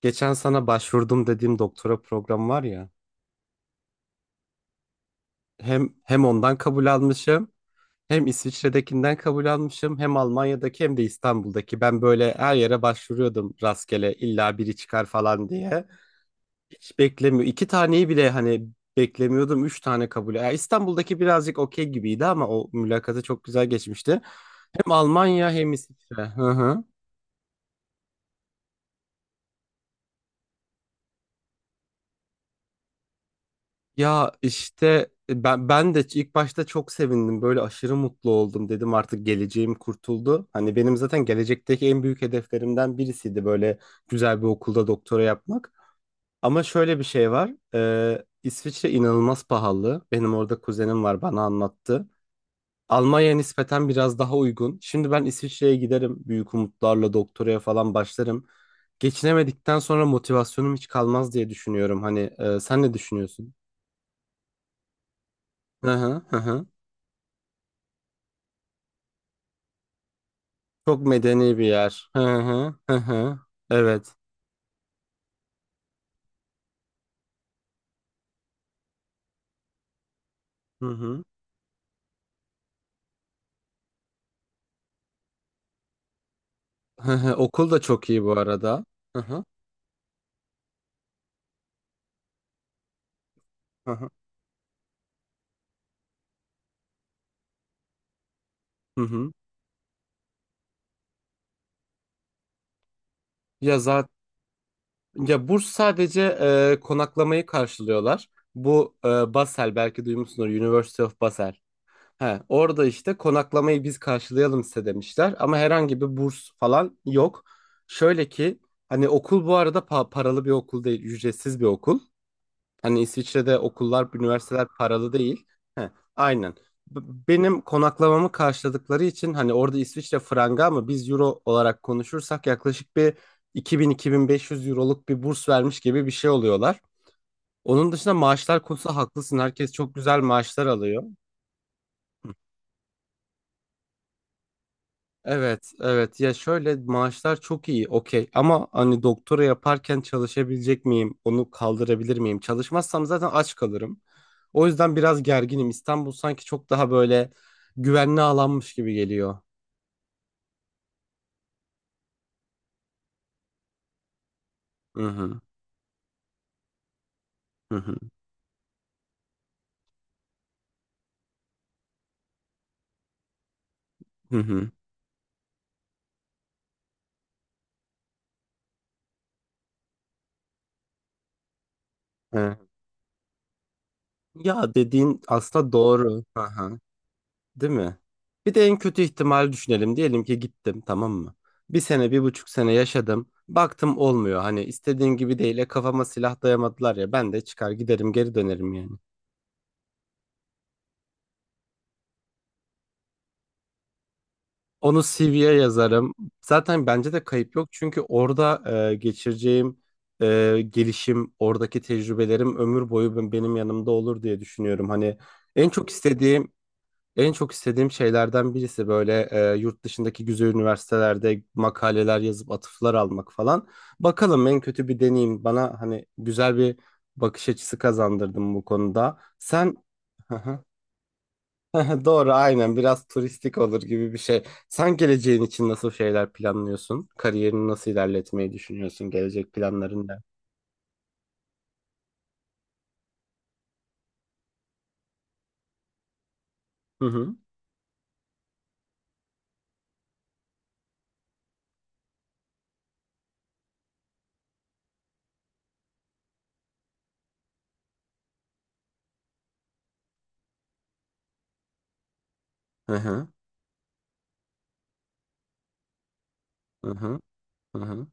Geçen sana başvurdum dediğim doktora programı var ya. Hem ondan kabul almışım, hem İsviçre'dekinden kabul almışım, hem Almanya'daki hem de İstanbul'daki. Ben böyle her yere başvuruyordum rastgele illa biri çıkar falan diye. Hiç beklemiyor. İki taneyi bile hani beklemiyordum. Üç tane kabul. Ya İstanbul'daki birazcık okey gibiydi ama o mülakatı çok güzel geçmişti. Hem Almanya hem İsviçre. Hı hı. Ya işte ben de ilk başta çok sevindim. Böyle aşırı mutlu oldum dedim artık geleceğim kurtuldu. Hani benim zaten gelecekteki en büyük hedeflerimden birisiydi böyle güzel bir okulda doktora yapmak. Ama şöyle bir şey var. İsviçre inanılmaz pahalı. Benim orada kuzenim var bana anlattı. Almanya nispeten biraz daha uygun. Şimdi ben İsviçre'ye giderim. Büyük umutlarla doktoraya falan başlarım. Geçinemedikten sonra motivasyonum hiç kalmaz diye düşünüyorum. Hani sen ne düşünüyorsun? Hı hı hı. Hı. Çok medeni bir yer. Hı hı hı hı. Evet. Hı hı. Hı hı. Okul da çok iyi bu arada. Hı hı hı hı. Hı hı. Ya zaten ya burs sadece konaklamayı karşılıyorlar. Bu Basel belki duymuşsunuz, University of Basel. He, orada işte konaklamayı biz karşılayalım size demişler ama herhangi bir burs falan yok. Şöyle ki hani okul bu arada paralı bir okul değil, ücretsiz bir okul. Hani İsviçre'de okullar, üniversiteler paralı değil. He, aynen. B- Benim konaklamamı karşıladıkları için hani orada İsviçre franga ama biz euro olarak konuşursak yaklaşık bir 2000-2500 euroluk bir burs vermiş gibi bir şey oluyorlar. Onun dışında maaşlar konusu haklısın. Herkes çok güzel maaşlar alıyor. Evet, evet. Ya şöyle maaşlar çok iyi, okey. Ama hani doktora yaparken çalışabilecek miyim? Onu kaldırabilir miyim? Çalışmazsam zaten aç kalırım. O yüzden biraz gerginim. İstanbul sanki çok daha böyle güvenli alanmış gibi geliyor. Hı hı, hı hı, hı hı. Evet. Ya dediğin aslında doğru. Hı hı. Değil mi? Bir de en kötü ihtimali düşünelim. Diyelim ki gittim, tamam mı? Bir sene, bir buçuk sene yaşadım. Baktım olmuyor. Hani istediğin gibi değil. Kafama silah dayamadılar ya. Ben de çıkar giderim, geri dönerim yani. Onu CV'ye yazarım. Zaten bence de kayıp yok. Çünkü orada geçireceğim gelişim, oradaki tecrübelerim ömür boyu benim yanımda olur diye düşünüyorum. Hani en çok istediğim En çok istediğim şeylerden birisi böyle yurt dışındaki güzel üniversitelerde makaleler yazıp atıflar almak falan. Bakalım, en kötü bir deneyim bana hani güzel bir bakış açısı kazandırdım bu konuda. Sen. Doğru, aynen, biraz turistik olur gibi bir şey. Sen geleceğin için nasıl şeyler planlıyorsun? Kariyerini nasıl ilerletmeyi düşünüyorsun? Gelecek planların ne? Hı hı. Hı hı. Hı hı. Hı hı.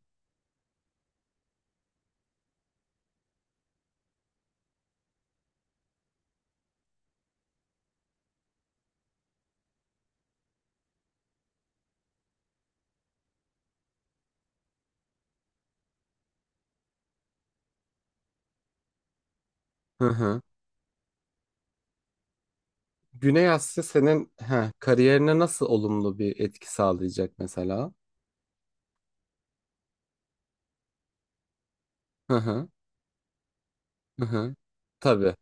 Hı hı. Güney Asya senin kariyerine nasıl olumlu bir etki sağlayacak mesela? Hı hı, hı hı. Tabii.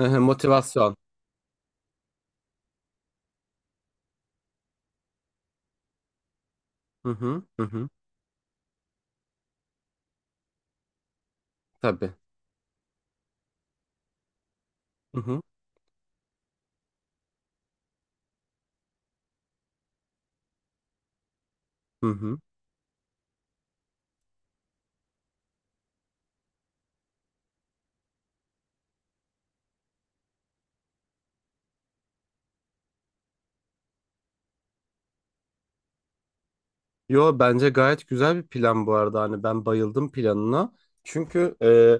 Hı hı, motivasyon. Hı hı, hı hı. Tabii. Hı hı, hı hı. Yo, bence gayet güzel bir plan bu arada. Hani ben bayıldım planına. Çünkü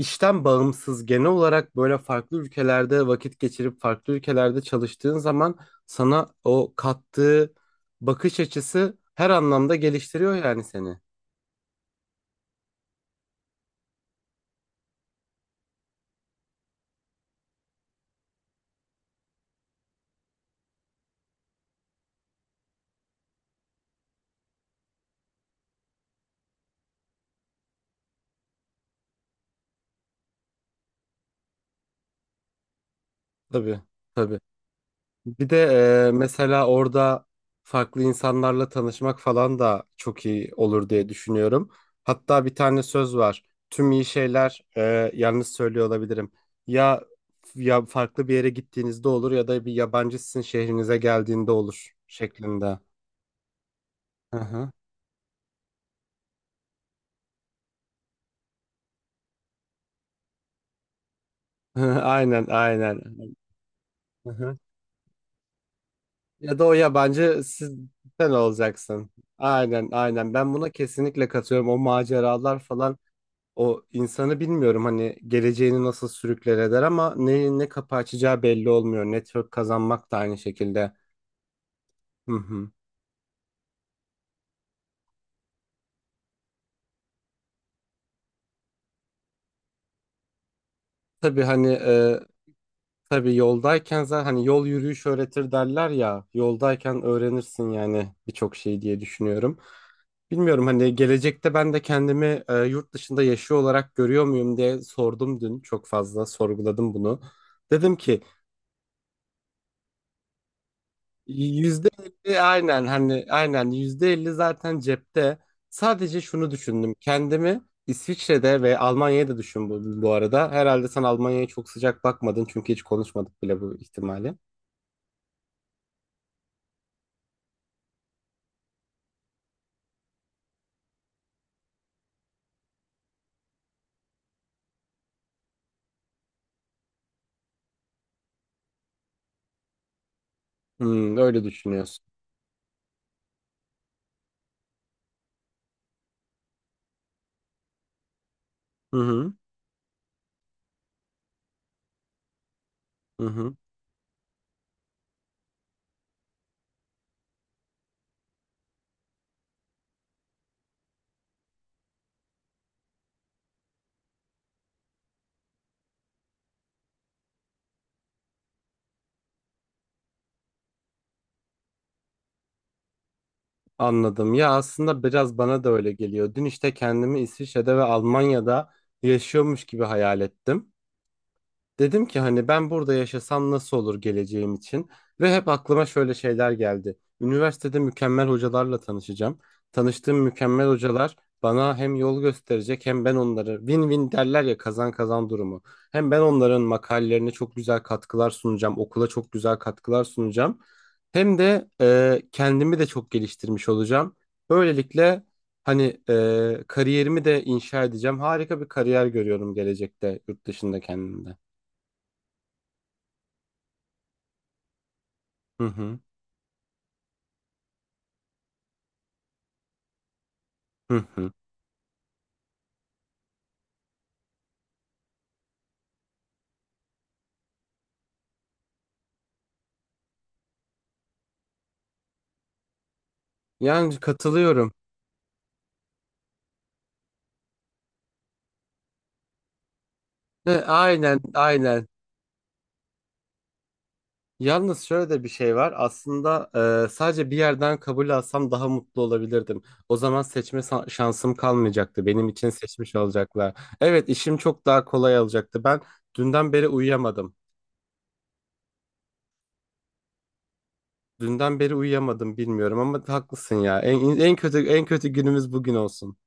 işten bağımsız, genel olarak böyle farklı ülkelerde vakit geçirip farklı ülkelerde çalıştığın zaman sana o kattığı bakış açısı her anlamda geliştiriyor yani seni. Tabii. Tabii. Bir de mesela orada farklı insanlarla tanışmak falan da çok iyi olur diye düşünüyorum. Hatta bir tane söz var. Tüm iyi şeyler, yalnız söylüyor olabilirim. Ya, ya farklı bir yere gittiğinizde olur, ya da bir yabancı sizin şehrinize geldiğinde olur şeklinde. Hı hı. Aynen, aynen. Hı hı. Ya da o yabancı siz, sen olacaksın. Aynen, aynen. Ben buna kesinlikle katıyorum. O maceralar falan. O insanı bilmiyorum hani geleceğini nasıl sürükler eder ama ne kapı açacağı belli olmuyor. Network kazanmak da aynı şekilde. Hı hı. Tabii, hani tabii yoldayken zaten hani yol yürüyüş öğretir derler ya. Yoldayken öğrenirsin yani birçok şey diye düşünüyorum. Bilmiyorum, hani gelecekte ben de kendimi yurt dışında yaşıyor olarak görüyor muyum diye sordum dün. Çok fazla sorguladım bunu. Dedim ki %50, aynen, hani aynen %50 zaten cepte. Sadece şunu düşündüm. Kendimi İsviçre'de ve Almanya'da düşün bu arada. Herhalde sen Almanya'ya çok sıcak bakmadın çünkü hiç konuşmadık bile bu ihtimali. Hmm, öyle düşünüyorsun. Hı hı, hı hı. Anladım. Ya aslında biraz bana da öyle geliyor. Dün işte kendimi İsviçre'de ve Almanya'da yaşıyormuş gibi hayal ettim. Dedim ki hani ben burada yaşasam nasıl olur geleceğim için, ve hep aklıma şöyle şeyler geldi. Üniversitede mükemmel hocalarla tanışacağım. Tanıştığım mükemmel hocalar bana hem yol gösterecek, hem ben onları win-win derler ya, kazan kazan durumu. Hem ben onların makalelerine çok güzel katkılar sunacağım, okula çok güzel katkılar sunacağım. Hem de kendimi de çok geliştirmiş olacağım. Böylelikle hani kariyerimi de inşa edeceğim. Harika bir kariyer görüyorum gelecekte yurt dışında kendimde. Hı hı. Hı hı. Yani katılıyorum. He, aynen, aynen. Yalnız şöyle de bir şey var. Aslında sadece bir yerden kabul alsam daha mutlu olabilirdim. O zaman seçme şansım kalmayacaktı. Benim için seçmiş olacaklar. Evet, işim çok daha kolay olacaktı. Ben dünden beri uyuyamadım. Dünden beri uyuyamadım, bilmiyorum, ama haklısın ya. En kötü en kötü günümüz bugün olsun.